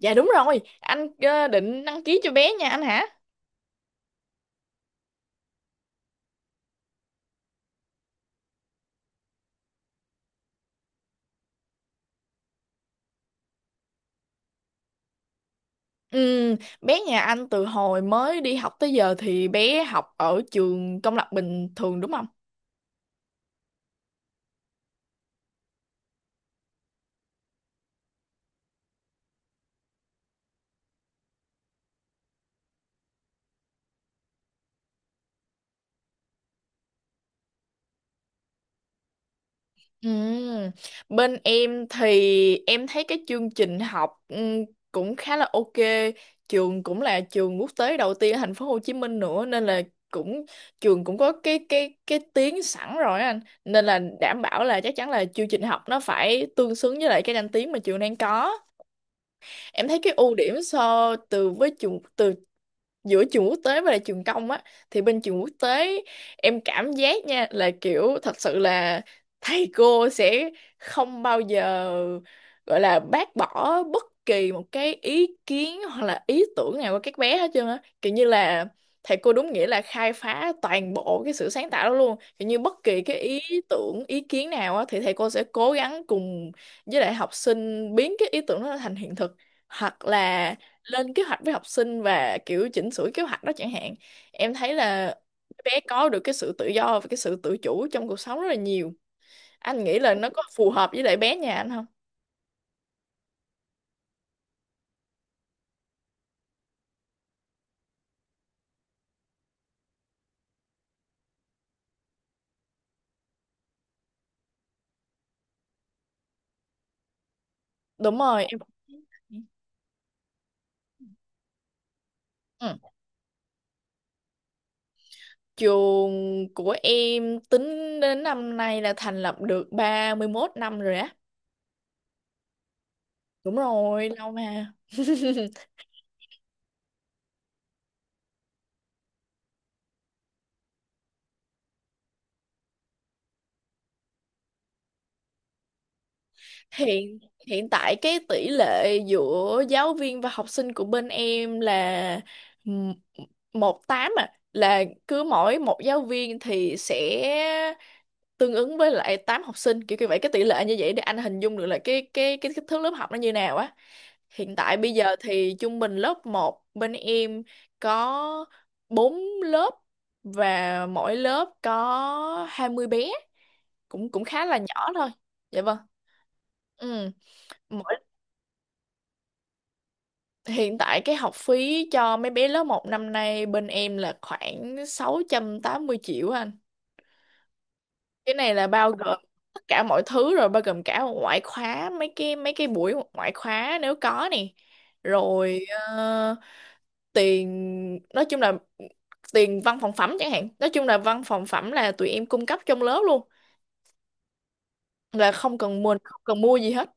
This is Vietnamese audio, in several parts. Dạ đúng rồi, anh định đăng ký cho bé nhà anh hả? Ừ, bé nhà anh từ hồi mới đi học tới giờ thì bé học ở trường công lập bình thường đúng không? Ừ, bên em thì em thấy cái chương trình học cũng khá là ok. Trường cũng là trường quốc tế đầu tiên ở thành phố Hồ Chí Minh nữa nên là cũng trường cũng có cái tiếng sẵn rồi á anh, nên là đảm bảo là chắc chắn là chương trình học nó phải tương xứng với lại cái danh tiếng mà trường đang có. Em thấy cái ưu điểm so từ với trường từ giữa trường quốc tế và là trường công á, thì bên trường quốc tế em cảm giác nha, là kiểu thật sự là thầy cô sẽ không bao giờ gọi là bác bỏ bất kỳ một cái ý kiến hoặc là ý tưởng nào của các bé hết trơn á, kiểu như là thầy cô đúng nghĩa là khai phá toàn bộ cái sự sáng tạo đó luôn, kiểu như bất kỳ cái ý tưởng ý kiến nào á thì thầy cô sẽ cố gắng cùng với lại học sinh biến cái ý tưởng đó thành hiện thực, hoặc là lên kế hoạch với học sinh và kiểu chỉnh sửa kế hoạch đó chẳng hạn. Em thấy là bé có được cái sự tự do và cái sự tự chủ trong cuộc sống rất là nhiều. Anh nghĩ là nó có phù hợp với lại bé nhà anh không? Đúng rồi em. Ừ. Trường của em tính đến năm nay là thành lập được 31 năm rồi á. Đúng rồi, lâu mà hiện hiện tại cái tỷ lệ giữa giáo viên và học sinh của bên em là m- một tám à, là cứ mỗi một giáo viên thì sẽ tương ứng với lại 8 học sinh, kiểu như vậy. Cái tỷ lệ như vậy để anh hình dung được là cái kích thước lớp học nó như nào á. Hiện tại bây giờ thì trung bình lớp một bên em có 4 lớp và mỗi lớp có 20 bé, cũng cũng khá là nhỏ thôi. Dạ vâng. Ừ. mỗi Hiện tại cái học phí cho mấy bé lớp một năm nay bên em là khoảng 680 triệu anh. Cái này là bao gồm tất cả mọi thứ rồi, bao gồm cả ngoại khóa, mấy cái buổi ngoại khóa nếu có nè. Rồi tiền nói chung là tiền văn phòng phẩm chẳng hạn. Nói chung là văn phòng phẩm là tụi em cung cấp trong lớp luôn, là không cần mua gì hết.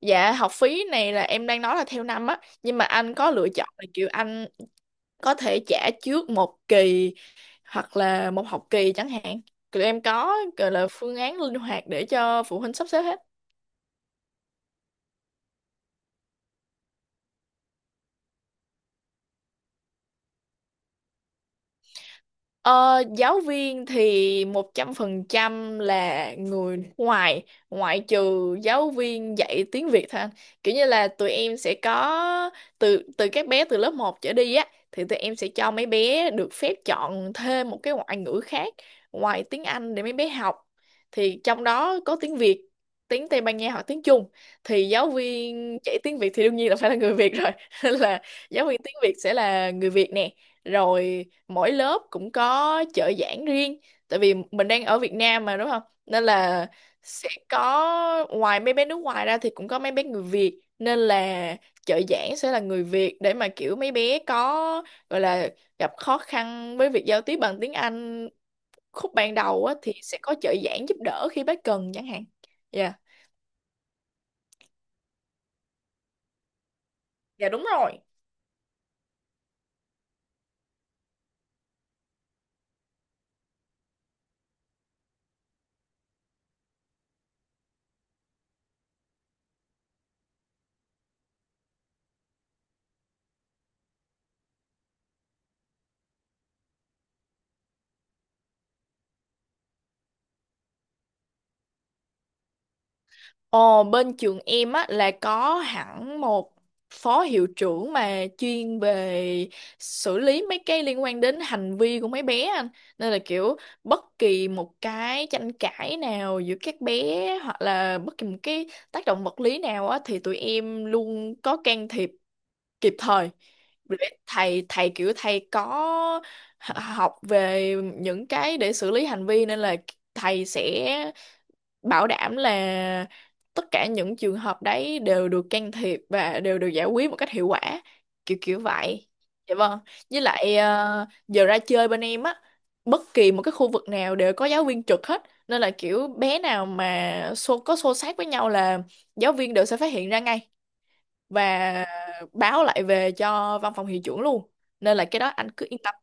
Dạ học phí này là em đang nói là theo năm á, nhưng mà anh có lựa chọn là kiểu anh có thể trả trước một kỳ hoặc là một học kỳ chẳng hạn. Tụi em có gọi là phương án linh hoạt để cho phụ huynh sắp xếp hết. Ờ, Giáo viên thì 100% là người nước ngoài, ngoại trừ giáo viên dạy tiếng Việt thôi anh. Kiểu như là tụi em sẽ có từ từ các bé từ lớp một trở đi á, thì tụi em sẽ cho mấy bé được phép chọn thêm một cái ngoại ngữ khác ngoài tiếng Anh để mấy bé học. Thì trong đó có tiếng Việt, tiếng Tây Ban Nha hoặc tiếng Trung. Thì giáo viên dạy tiếng Việt thì đương nhiên là phải là người Việt rồi. Nên là giáo viên tiếng Việt sẽ là người Việt nè, rồi mỗi lớp cũng có trợ giảng riêng, tại vì mình đang ở Việt Nam mà đúng không, nên là sẽ có ngoài mấy bé nước ngoài ra thì cũng có mấy bé người Việt, nên là trợ giảng sẽ là người Việt để mà kiểu mấy bé có gọi là gặp khó khăn với việc giao tiếp bằng tiếng Anh khúc ban đầu á, thì sẽ có trợ giảng giúp đỡ khi bác cần chẳng hạn. Dạ. Dạ đúng rồi. Ồ, bên trường em á là có hẳn một phó hiệu trưởng mà chuyên về xử lý mấy cái liên quan đến hành vi của mấy bé anh. Nên là kiểu bất kỳ một cái tranh cãi nào giữa các bé hoặc là bất kỳ một cái tác động vật lý nào á thì tụi em luôn có can thiệp kịp thời. Để thầy thầy kiểu thầy có học về những cái để xử lý hành vi nên là thầy sẽ bảo đảm là tất cả những trường hợp đấy đều được can thiệp và đều được giải quyết một cách hiệu quả, kiểu kiểu vậy. Dạ vâng. Với lại giờ ra chơi bên em á, bất kỳ một cái khu vực nào đều có giáo viên trực hết nên là kiểu bé nào mà có xô xát với nhau là giáo viên đều sẽ phát hiện ra ngay và báo lại về cho văn phòng hiệu trưởng luôn, nên là cái đó anh cứ yên tâm.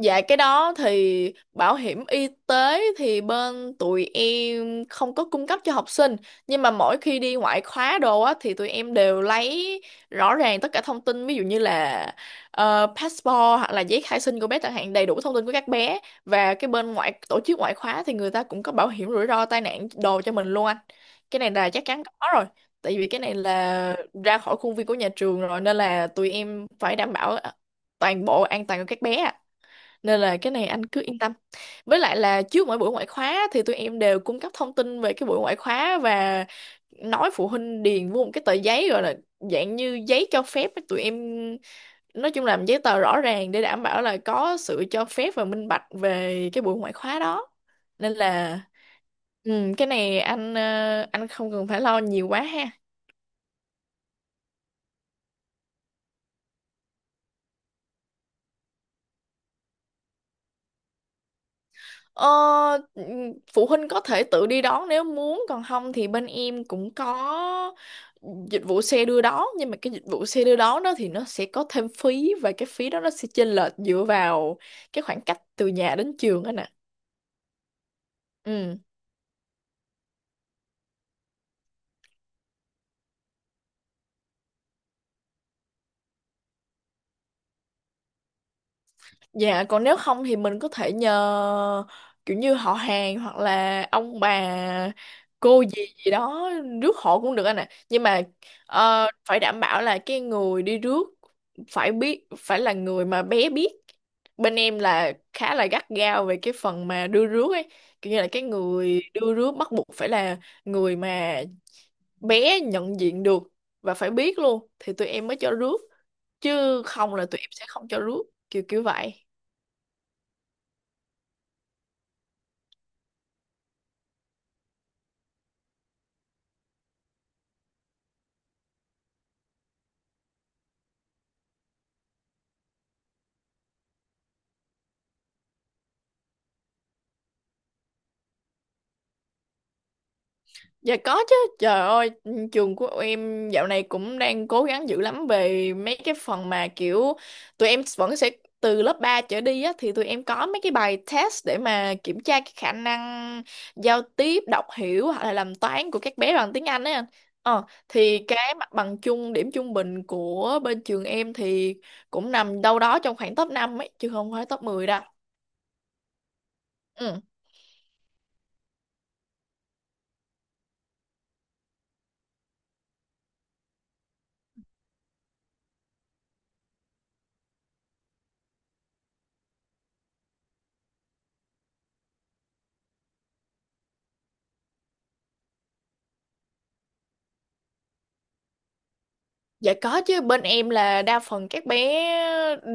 Dạ cái đó thì bảo hiểm y tế thì bên tụi em không có cung cấp cho học sinh, nhưng mà mỗi khi đi ngoại khóa đồ á thì tụi em đều lấy rõ ràng tất cả thông tin, ví dụ như là passport hoặc là giấy khai sinh của bé chẳng hạn, đầy đủ thông tin của các bé. Và cái bên ngoại tổ chức ngoại khóa thì người ta cũng có bảo hiểm rủi ro tai nạn đồ cho mình luôn anh, cái này là chắc chắn có rồi. Tại vì cái này là ra khỏi khuôn viên của nhà trường rồi nên là tụi em phải đảm bảo toàn bộ an toàn của các bé ạ, nên là cái này anh cứ yên tâm. Với lại là trước mỗi buổi ngoại khóa thì tụi em đều cung cấp thông tin về cái buổi ngoại khóa và nói phụ huynh điền vô một cái tờ giấy gọi là dạng như giấy cho phép á, tụi em nói chung làm giấy tờ rõ ràng để đảm bảo là có sự cho phép và minh bạch về cái buổi ngoại khóa đó. Nên là ừ, cái này anh anh không cần phải lo nhiều quá ha. Ờ, ừm, Phụ huynh có thể tự đi đón nếu muốn, còn không thì bên em cũng có dịch vụ xe đưa đón, nhưng mà cái dịch vụ xe đưa đón đó thì nó sẽ có thêm phí và cái phí đó nó sẽ chênh lệch dựa vào cái khoảng cách từ nhà đến trường đó nè. Ừ. Dạ còn nếu không thì mình có thể nhờ kiểu như họ hàng hoặc là ông bà cô gì gì đó rước hộ cũng được anh ạ. Nhưng mà phải đảm bảo là cái người đi rước phải là người mà bé biết. Bên em là khá là gắt gao về cái phần mà đưa rước ấy, kiểu như là cái người đưa rước bắt buộc phải là người mà bé nhận diện được và phải biết luôn thì tụi em mới cho rước, chứ không là tụi em sẽ không cho rước, kiểu kiểu vậy. Dạ có chứ, trời ơi, trường của em dạo này cũng đang cố gắng dữ lắm về mấy cái phần mà kiểu tụi em vẫn sẽ từ lớp 3 trở đi á, thì tụi em có mấy cái bài test để mà kiểm tra cái khả năng giao tiếp, đọc hiểu hoặc là làm toán của các bé bằng tiếng Anh ấy anh. Ờ, thì cái mặt bằng chung, điểm trung bình của bên trường em thì cũng nằm đâu đó trong khoảng top 5 ấy, chứ không phải top 10 đâu. Ừ. Dạ có chứ, bên em là đa phần các bé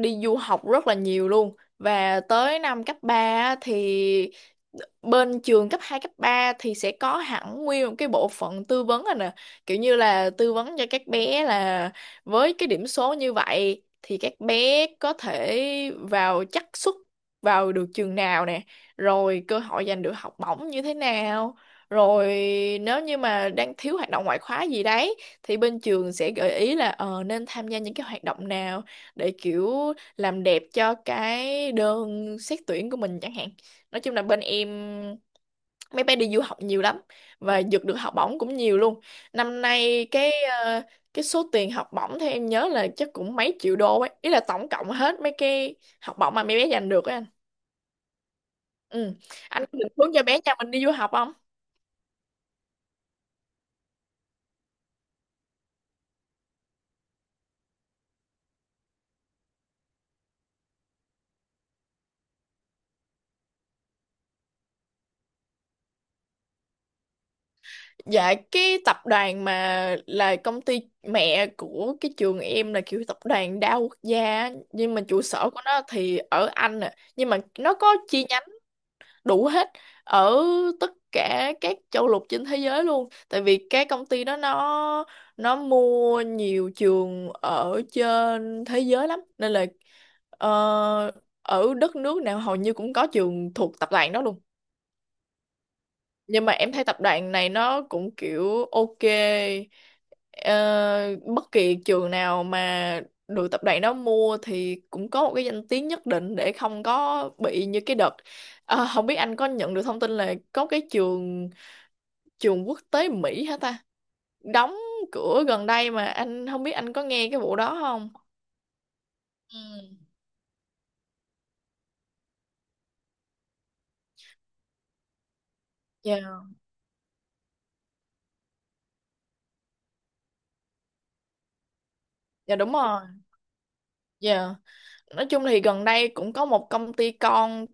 đi du học rất là nhiều luôn, và tới năm cấp 3 thì bên trường cấp 2 cấp 3 thì sẽ có hẳn nguyên một cái bộ phận tư vấn rồi nè. Kiểu như là tư vấn cho các bé là với cái điểm số như vậy thì các bé có thể vào xác suất vào được trường nào nè, rồi cơ hội giành được học bổng như thế nào. Rồi nếu như mà đang thiếu hoạt động ngoại khóa gì đấy thì bên trường sẽ gợi ý là nên tham gia những cái hoạt động nào để kiểu làm đẹp cho cái đơn xét tuyển của mình chẳng hạn. Nói chung là bên em mấy bé đi du học nhiều lắm và giật được học bổng cũng nhiều luôn. Năm nay cái số tiền học bổng theo em nhớ là chắc cũng mấy triệu đô ấy, ý là tổng cộng hết mấy cái học bổng mà mấy bé giành được ấy anh. Ừ. Anh có định hướng cho bé nhà mình đi du học không? Dạ cái tập đoàn mà là công ty mẹ của cái trường em là kiểu tập đoàn đa quốc gia á, nhưng mà trụ sở của nó thì ở Anh à. Nhưng mà nó có chi đủ hết ở tất cả các châu lục trên thế giới luôn, tại vì cái công ty đó nó mua nhiều trường ở trên thế giới lắm nên là ờ, ở đất nước nào hầu như cũng có trường thuộc tập đoàn đó luôn. Nhưng mà em thấy tập đoàn này nó cũng kiểu ok. Ờ, bất kỳ trường nào mà được tập đoàn đó mua thì cũng có một cái danh tiếng nhất định để không có bị như cái đợt. Ờ, không biết anh có nhận được thông tin là có cái trường trường quốc tế Mỹ hả ta đóng cửa gần đây mà, anh không biết anh có nghe cái vụ đó không? Ừ. Dạ. Dạ đúng rồi. Dạ. Nói chung thì gần đây cũng có một công ty con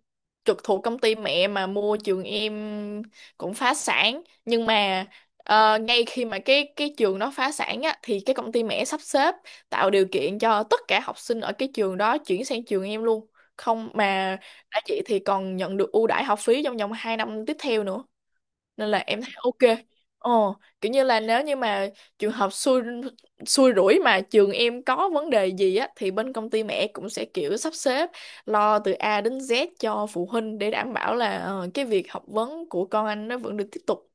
trực thuộc công ty mẹ mà mua trường em cũng phá sản, nhưng mà ngay khi mà cái trường đó phá sản á thì cái công ty mẹ sắp xếp tạo điều kiện cho tất cả học sinh ở cái trường đó chuyển sang trường em luôn, không mà đã chị thì còn nhận được ưu đãi học phí trong vòng 2 năm tiếp theo nữa, nên là em thấy ok. Ồ, kiểu như là nếu như mà trường hợp xui xui rủi mà trường em có vấn đề gì á thì bên công ty mẹ cũng sẽ kiểu sắp xếp lo từ A đến Z cho phụ huynh để đảm bảo là cái việc học vấn của con anh nó vẫn được tiếp tục.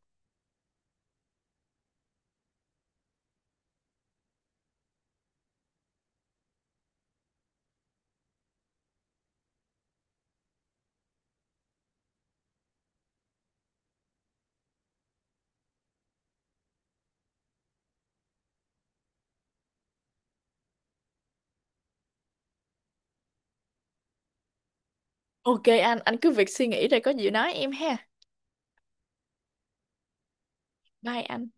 Ok anh cứ việc suy nghĩ rồi có gì nói em ha. Bye anh.